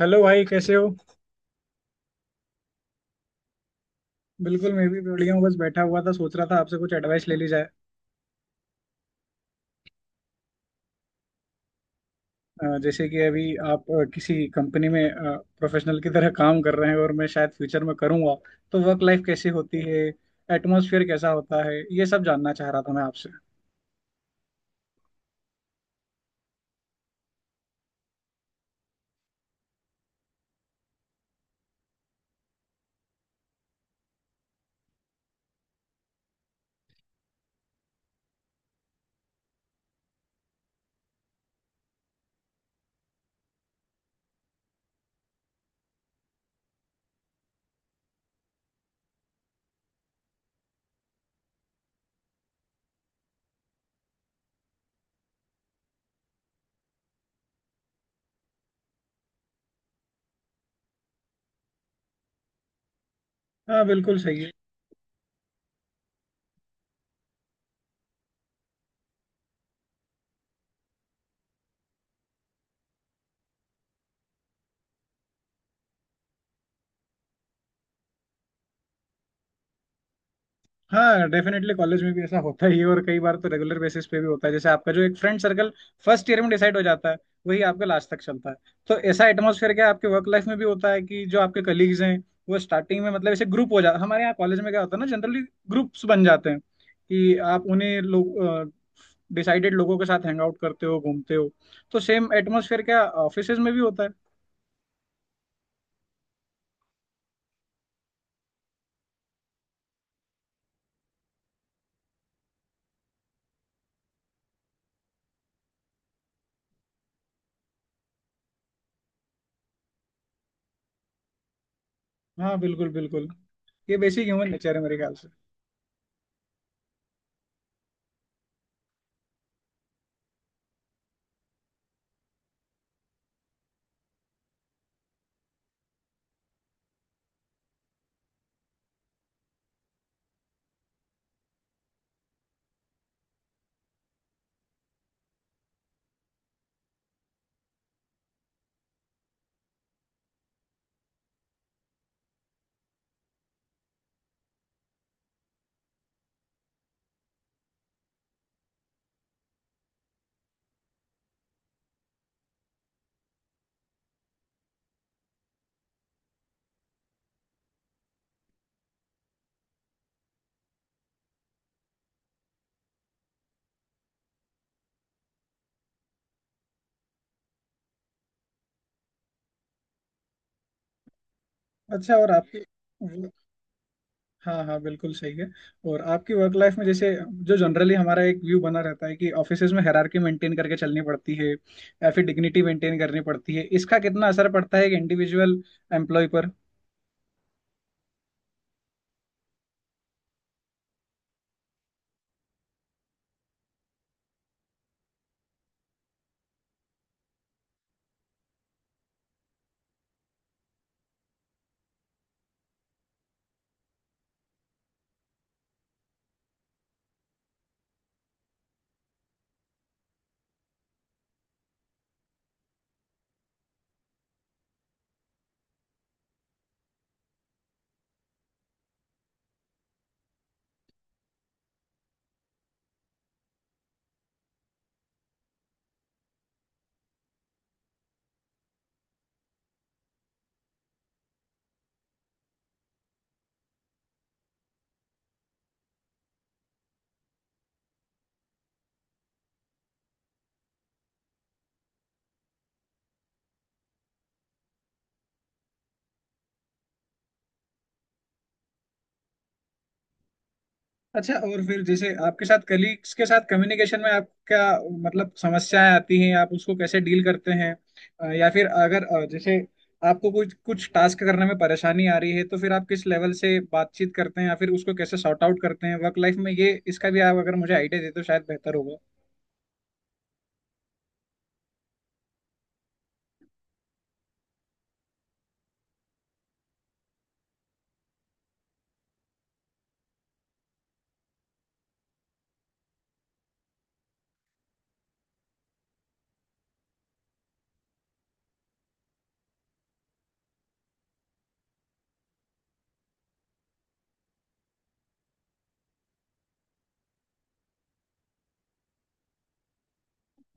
Hello भाई कैसे हो। बिल्कुल, मैं भी बढ़िया हूँ। बस बैठा हुआ था, सोच रहा था आपसे कुछ एडवाइस ले ली जाए। जैसे कि अभी आप किसी कंपनी में प्रोफेशनल की तरह काम कर रहे हैं और मैं शायद फ्यूचर में करूँगा, तो वर्क लाइफ कैसी होती है, एटमॉस्फेयर कैसा होता है, ये सब जानना चाह रहा था मैं आपसे। हाँ, बिल्कुल सही है। हाँ, डेफिनेटली कॉलेज में भी ऐसा होता ही है, और कई बार तो रेगुलर बेसिस पे भी होता है। जैसे आपका जो एक फ्रेंड सर्कल फर्स्ट ईयर में डिसाइड हो जाता है, वही आपका लास्ट तक चलता है। तो ऐसा एटमोसफेयर क्या आपके वर्क लाइफ में भी होता है कि जो आपके कलीग्स हैं वो स्टार्टिंग में मतलब ऐसे ग्रुप हो जाता है? हमारे यहाँ कॉलेज में क्या होता है ना, जनरली ग्रुप्स बन जाते हैं कि आप उन्हीं लोग डिसाइडेड लोगों के साथ हैंग आउट करते हो, घूमते हो। तो सेम एटमोसफेयर क्या ऑफिस में भी होता है। हाँ, बिल्कुल बिल्कुल। ये बेसिक ह्यूमन नेचर है मेरे ख्याल से। अच्छा, और आपकी। हाँ हाँ, बिल्कुल सही है। और आपकी वर्क लाइफ में, जैसे जो जनरली हमारा एक व्यू बना रहता है कि ऑफिसेज में हायरार्की मेंटेन करके चलनी पड़ती है या फिर डिग्निटी मेंटेन करनी पड़ती है, इसका कितना असर पड़ता है एक इंडिविजुअल एम्प्लॉय पर। अच्छा, और फिर जैसे आपके साथ कलीग्स के साथ कम्युनिकेशन में आप क्या, मतलब समस्याएं आती हैं, आप उसको कैसे डील करते हैं? या फिर अगर जैसे आपको कुछ कुछ टास्क करने में परेशानी आ रही है तो फिर आप किस लेवल से बातचीत करते हैं या फिर उसको कैसे सॉर्ट आउट करते हैं वर्क लाइफ में, ये इसका भी आप अगर मुझे आइडिया दे तो शायद बेहतर होगा।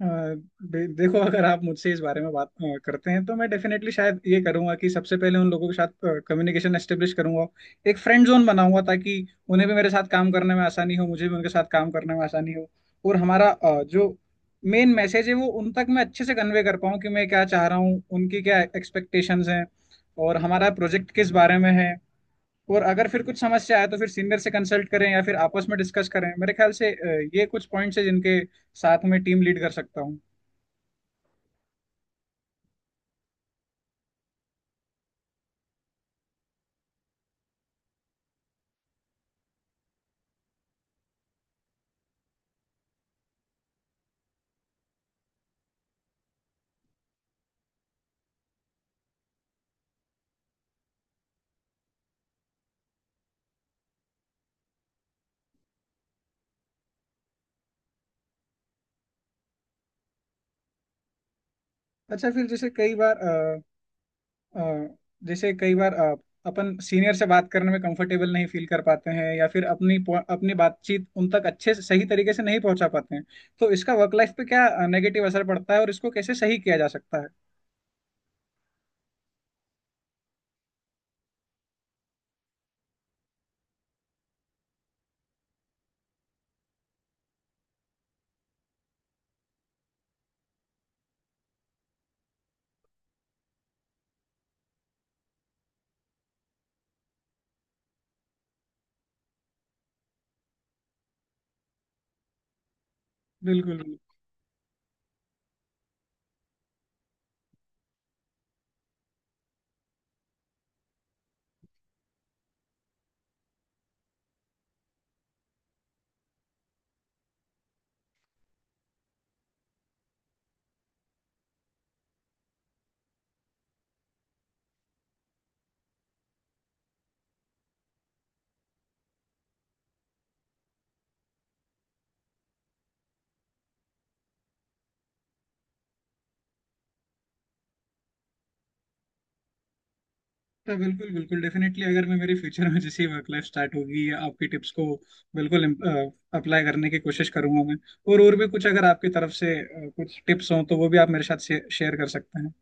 देखो, अगर आप मुझसे इस बारे में बात करते हैं तो मैं डेफिनेटली शायद ये करूंगा कि सबसे पहले उन लोगों के साथ कम्युनिकेशन एस्टेब्लिश करूंगा, एक फ्रेंड जोन बनाऊंगा, ताकि उन्हें भी मेरे साथ काम करने में आसानी हो, मुझे भी उनके साथ काम करने में आसानी हो। और हमारा जो मेन मैसेज है वो उन तक मैं अच्छे से कन्वे कर पाऊँ कि मैं क्या चाह रहा हूँ, उनकी क्या एक्सपेक्टेशंस हैं, और हमारा प्रोजेक्ट किस बारे में है। और अगर फिर कुछ समस्या आए तो फिर सीनियर से कंसल्ट करें या फिर आपस में डिस्कस करें। मेरे ख्याल से ये कुछ पॉइंट्स हैं जिनके साथ मैं टीम लीड कर सकता हूँ। अच्छा, फिर जैसे कई बार अ, अ, जैसे कई बार अ, अपन सीनियर से बात करने में कंफर्टेबल नहीं फील कर पाते हैं या फिर अपनी बातचीत उन तक अच्छे से सही तरीके से नहीं पहुंचा पाते हैं, तो इसका वर्क लाइफ पे क्या नेगेटिव असर पड़ता है और इसको कैसे सही किया जा सकता है? बिल्कुल बिल्कुल। तो बिल्कुल बिल्कुल, डेफिनेटली अगर मैं, मेरी फ्यूचर में जैसे वर्क लाइफ स्टार्ट होगी, या आपकी टिप्स को बिल्कुल अप्लाई करने की कोशिश करूंगा मैं। और भी कुछ अगर आपकी तरफ से कुछ टिप्स हों तो वो भी आप मेरे साथ शेयर कर सकते हैं।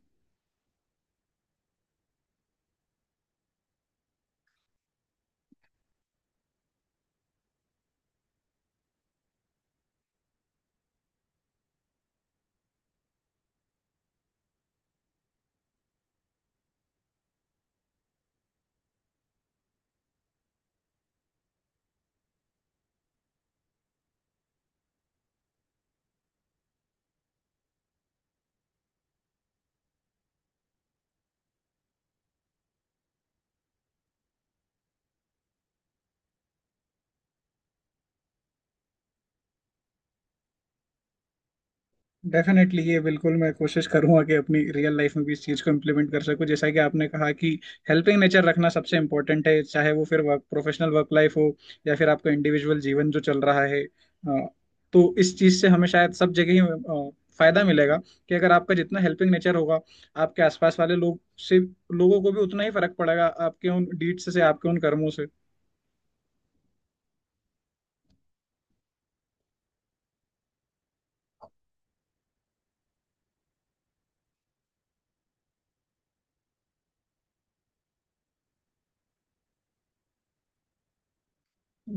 डेफिनेटली, ये बिल्कुल मैं कोशिश करूंगा कि अपनी रियल लाइफ में भी इस चीज़ को इम्प्लीमेंट कर सकूं। जैसा कि आपने कहा कि हेल्पिंग नेचर रखना सबसे इंपॉर्टेंट है, चाहे वो फिर वर्क, प्रोफेशनल वर्क लाइफ हो या फिर आपका इंडिविजुअल जीवन जो चल रहा है। तो इस चीज़ से हमें शायद सब जगह ही फायदा मिलेगा। कि अगर आपका जितना हेल्पिंग नेचर होगा, आपके आसपास वाले लोग से लोगों को भी उतना ही फर्क पड़ेगा, आपके उन डीड्स से, आपके उन कर्मों से।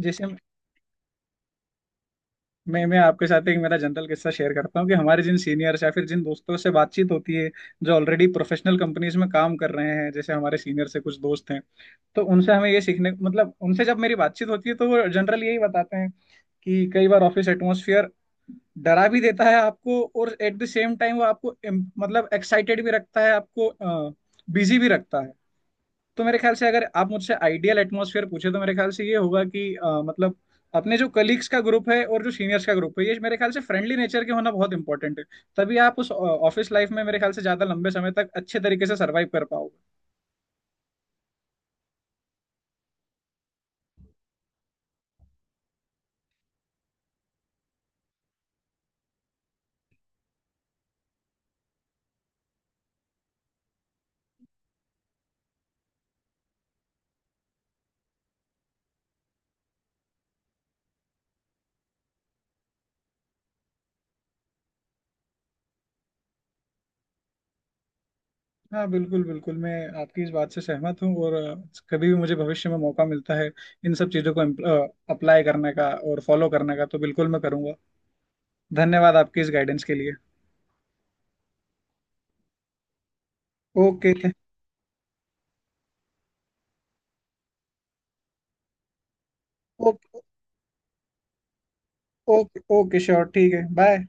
जैसे हम, मैं आपके साथ एक मेरा जनरल किस्सा शेयर करता हूँ कि हमारे जिन सीनियर्स या फिर जिन दोस्तों से बातचीत होती है, जो ऑलरेडी प्रोफेशनल कंपनीज में काम कर रहे हैं, जैसे हमारे सीनियर से कुछ दोस्त हैं, तो उनसे हमें ये सीखने, मतलब उनसे जब मेरी बातचीत होती है तो वो जनरल यही बताते हैं कि कई बार ऑफिस एटमोसफियर डरा भी देता है आपको, और एट द सेम टाइम वो आपको मतलब एक्साइटेड भी रखता है आपको, बिजी भी रखता है। तो मेरे ख्याल से अगर आप मुझसे आइडियल एटमॉस्फेयर पूछे तो मेरे ख्याल से ये होगा कि मतलब अपने जो कलीग्स का ग्रुप है और जो सीनियर्स का ग्रुप है, ये मेरे ख्याल से फ्रेंडली नेचर के होना बहुत इंपॉर्टेंट है। तभी आप उस ऑफिस लाइफ में मेरे ख्याल से ज्यादा लंबे समय तक अच्छे तरीके से सरवाइव कर पाओगे। हाँ, बिल्कुल बिल्कुल, मैं आपकी इस बात से सहमत हूँ। और कभी भी मुझे भविष्य में मौका मिलता है इन सब चीज़ों को अप्लाई करने का और फॉलो करने का तो बिल्कुल मैं करूँगा। धन्यवाद आपकी इस गाइडेंस के लिए। Okay. Okay okay. Okay sure, ठीक है, बाय।